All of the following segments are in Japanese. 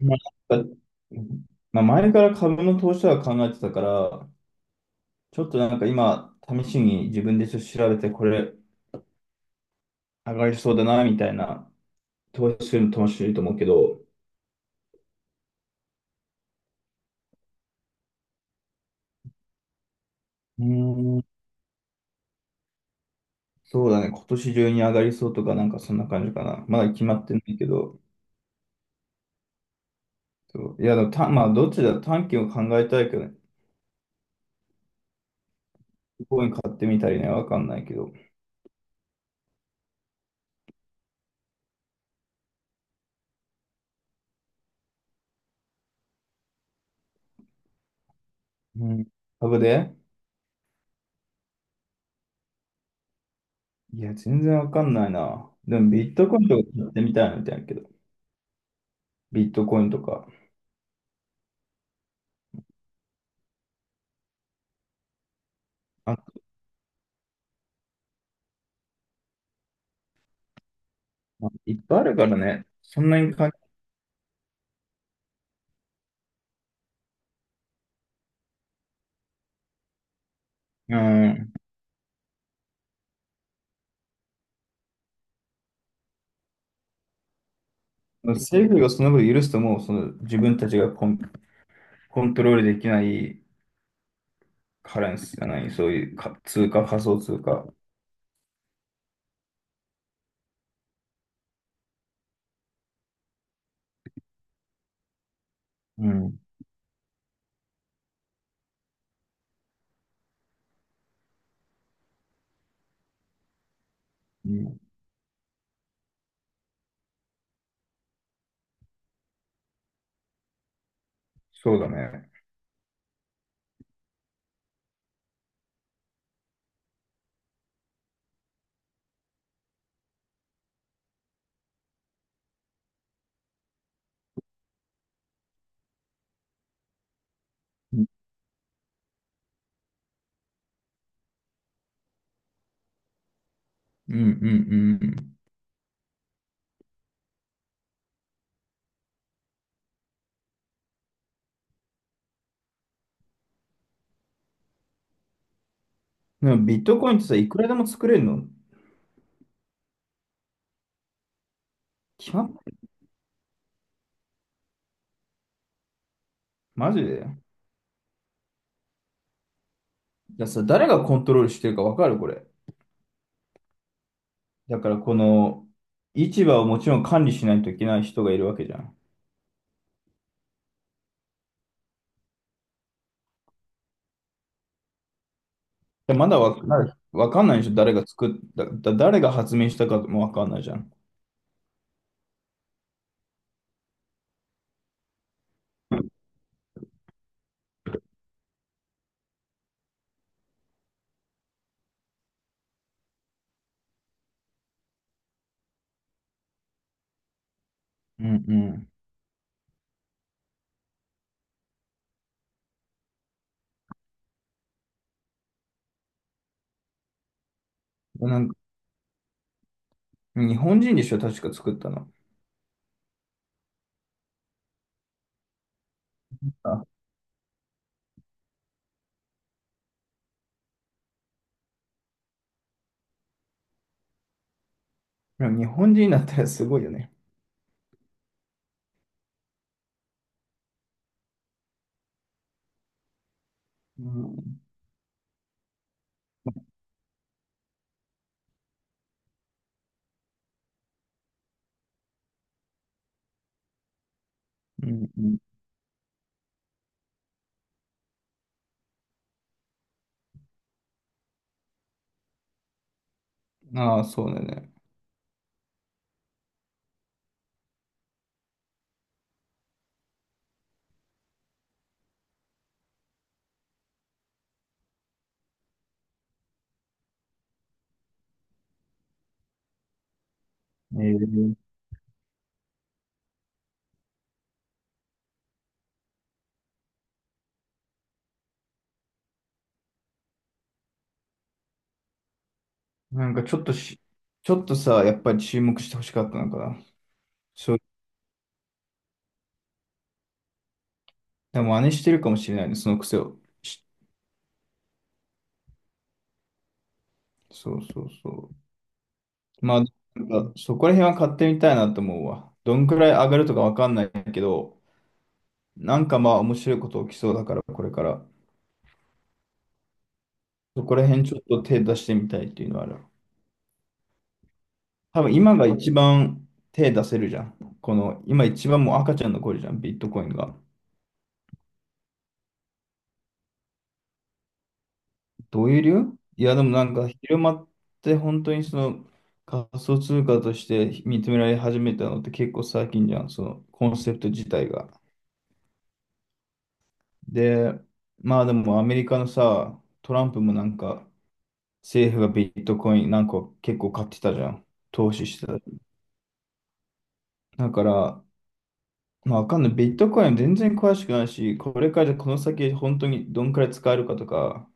まあ、なんかまあ、前から株の投資は考えてたから、ちょっと今、試しに自分でちょっと調べて、これ上がりそうだな、みたいな、投資するの楽しいと思うけど、うーん、そうだね、今年中に上がりそうとか、なんかそんな感じかな。まだ決まってないけど、そういや、でもた、まあ、どっちだ、短期を考えたいけどね、コイン買ってみたりね、わかんないけど。うん株で。いや、全然わかんないな。でも、ビットコインとか買ってみたいみたいなけど、ビットコインとか。あ、まあいっぱいあるからね、そんなにか、うん、政府がその分許すともう、その自分たちがコントロールできないカレンスじゃない、そういう通貨、仮想通貨。うん、うん。そうだね。うんうん。うんうん。でもビットコインってさ、いくらでも作れるの？決まっマジで。誰がコントロールしてるかわかるこれ？だからこの市場をもちろん管理しないといけない人がいるわけじゃん。でまだわかんない、わかんないでしょ。誰が作った、誰が発明したかもわかんないじゃん。うんうん。なんか日本人でしょ、確か作ったの。あ、でも日本人だったらすごいよね。うんうん。うん。ああ、そうだね。えー、なんかちょっとし、ちょっとさ、やっぱり注目してほしかったのかな。そう、でも真似してるかもしれないね、その癖を。しそうそうそう。まあ、なんかそこら辺は買ってみたいなと思うわ。どんくらい上がるとかわかんないけど、なんかまあ面白いこと起きそうだから、これから。そこら辺ちょっと手出してみたいっていうのはある。多分今が一番手出せるじゃん。この、今一番もう赤ちゃんの頃じゃん、ビットコインが。どういう理由、いや、でもなんか広まって本当にその仮想通貨として認められ始めたのって結構最近じゃん、そのコンセプト自体が。で、まあでもアメリカのさ、トランプもなんか政府がビットコインなんか結構買ってたじゃん。投資してた。だから、まあ、わかんない。ビットコイン全然詳しくないし、これからこの先本当にどんくらい使えるかとか、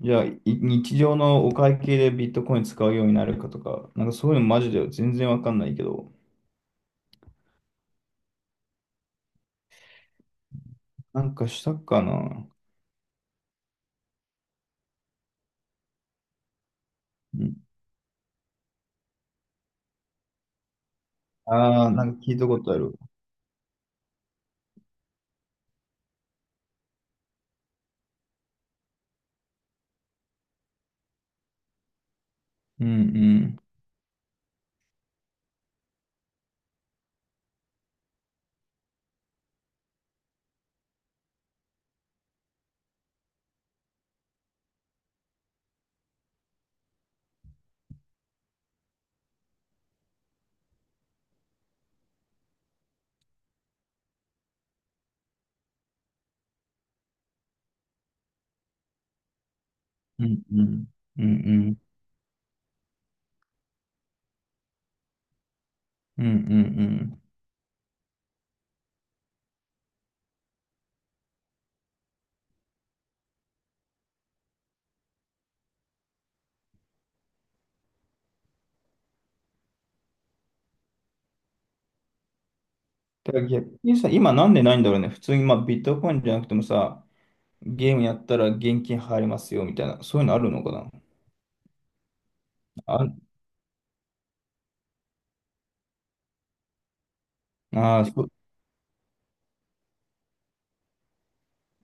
じゃあ日常のお会計でビットコイン使うようになるかとか、なんかそういうのマジで全然わかんないけど、なんかしたかな。ああー、なんか聞いたことある。うんうん。うんうん。うんうん。うんうんうん。だから逆にさ、今なんでないんだろうね。普通にまあビットコインじゃなくてもさ、ゲームやったら現金入りますよみたいな、そういうのあるのかな。あ、あー、そう。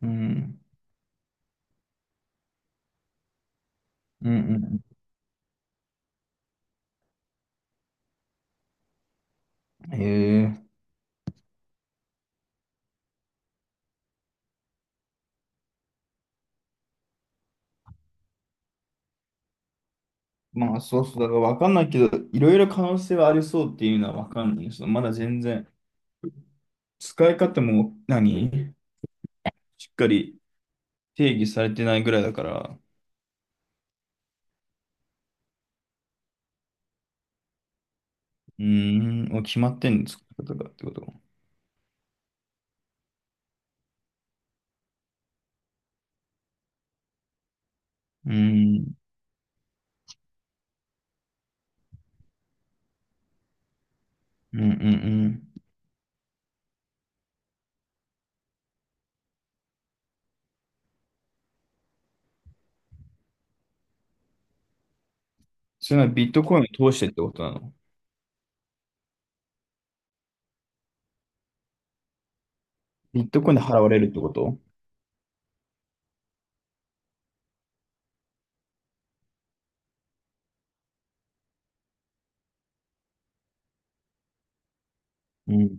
うん。うんうん。へえ。まあそうそう、だからわかんないけど、いろいろ可能性はありそうっていうのはわかんないです。そのまだ全然、使い方もしっかり定義されてないぐらいだから、うーん、もう決まってんの、使い方がってこと？うーん、うんうんうん。そういうのはビットコインを通してってことなの？ビットコインで払われるってこと？うん。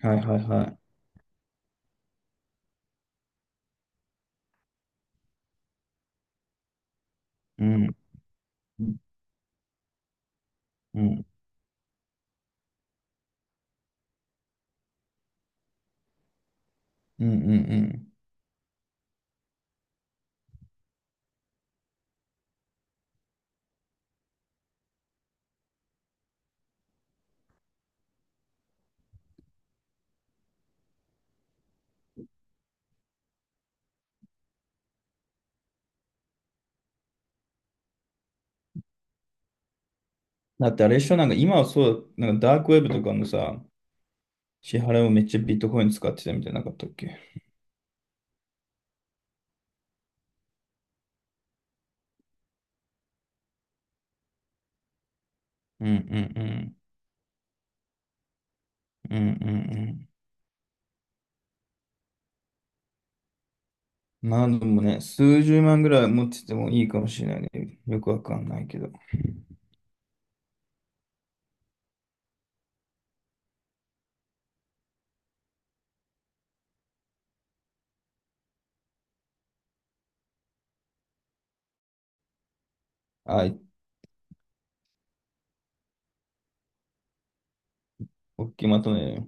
はいはいはい。うん。うん。うんうんうん。だってあれ一緒なんか今はそう、なんかダークウェブとかもさ、支払いもめっちゃビットコイン使ってたみたいなかったっけ？うんうんうん。うんうんうん。まあでもね、数十万ぐらい持っててもいいかもしれないね。よくわかんないけど。はい、おっきいまとめ。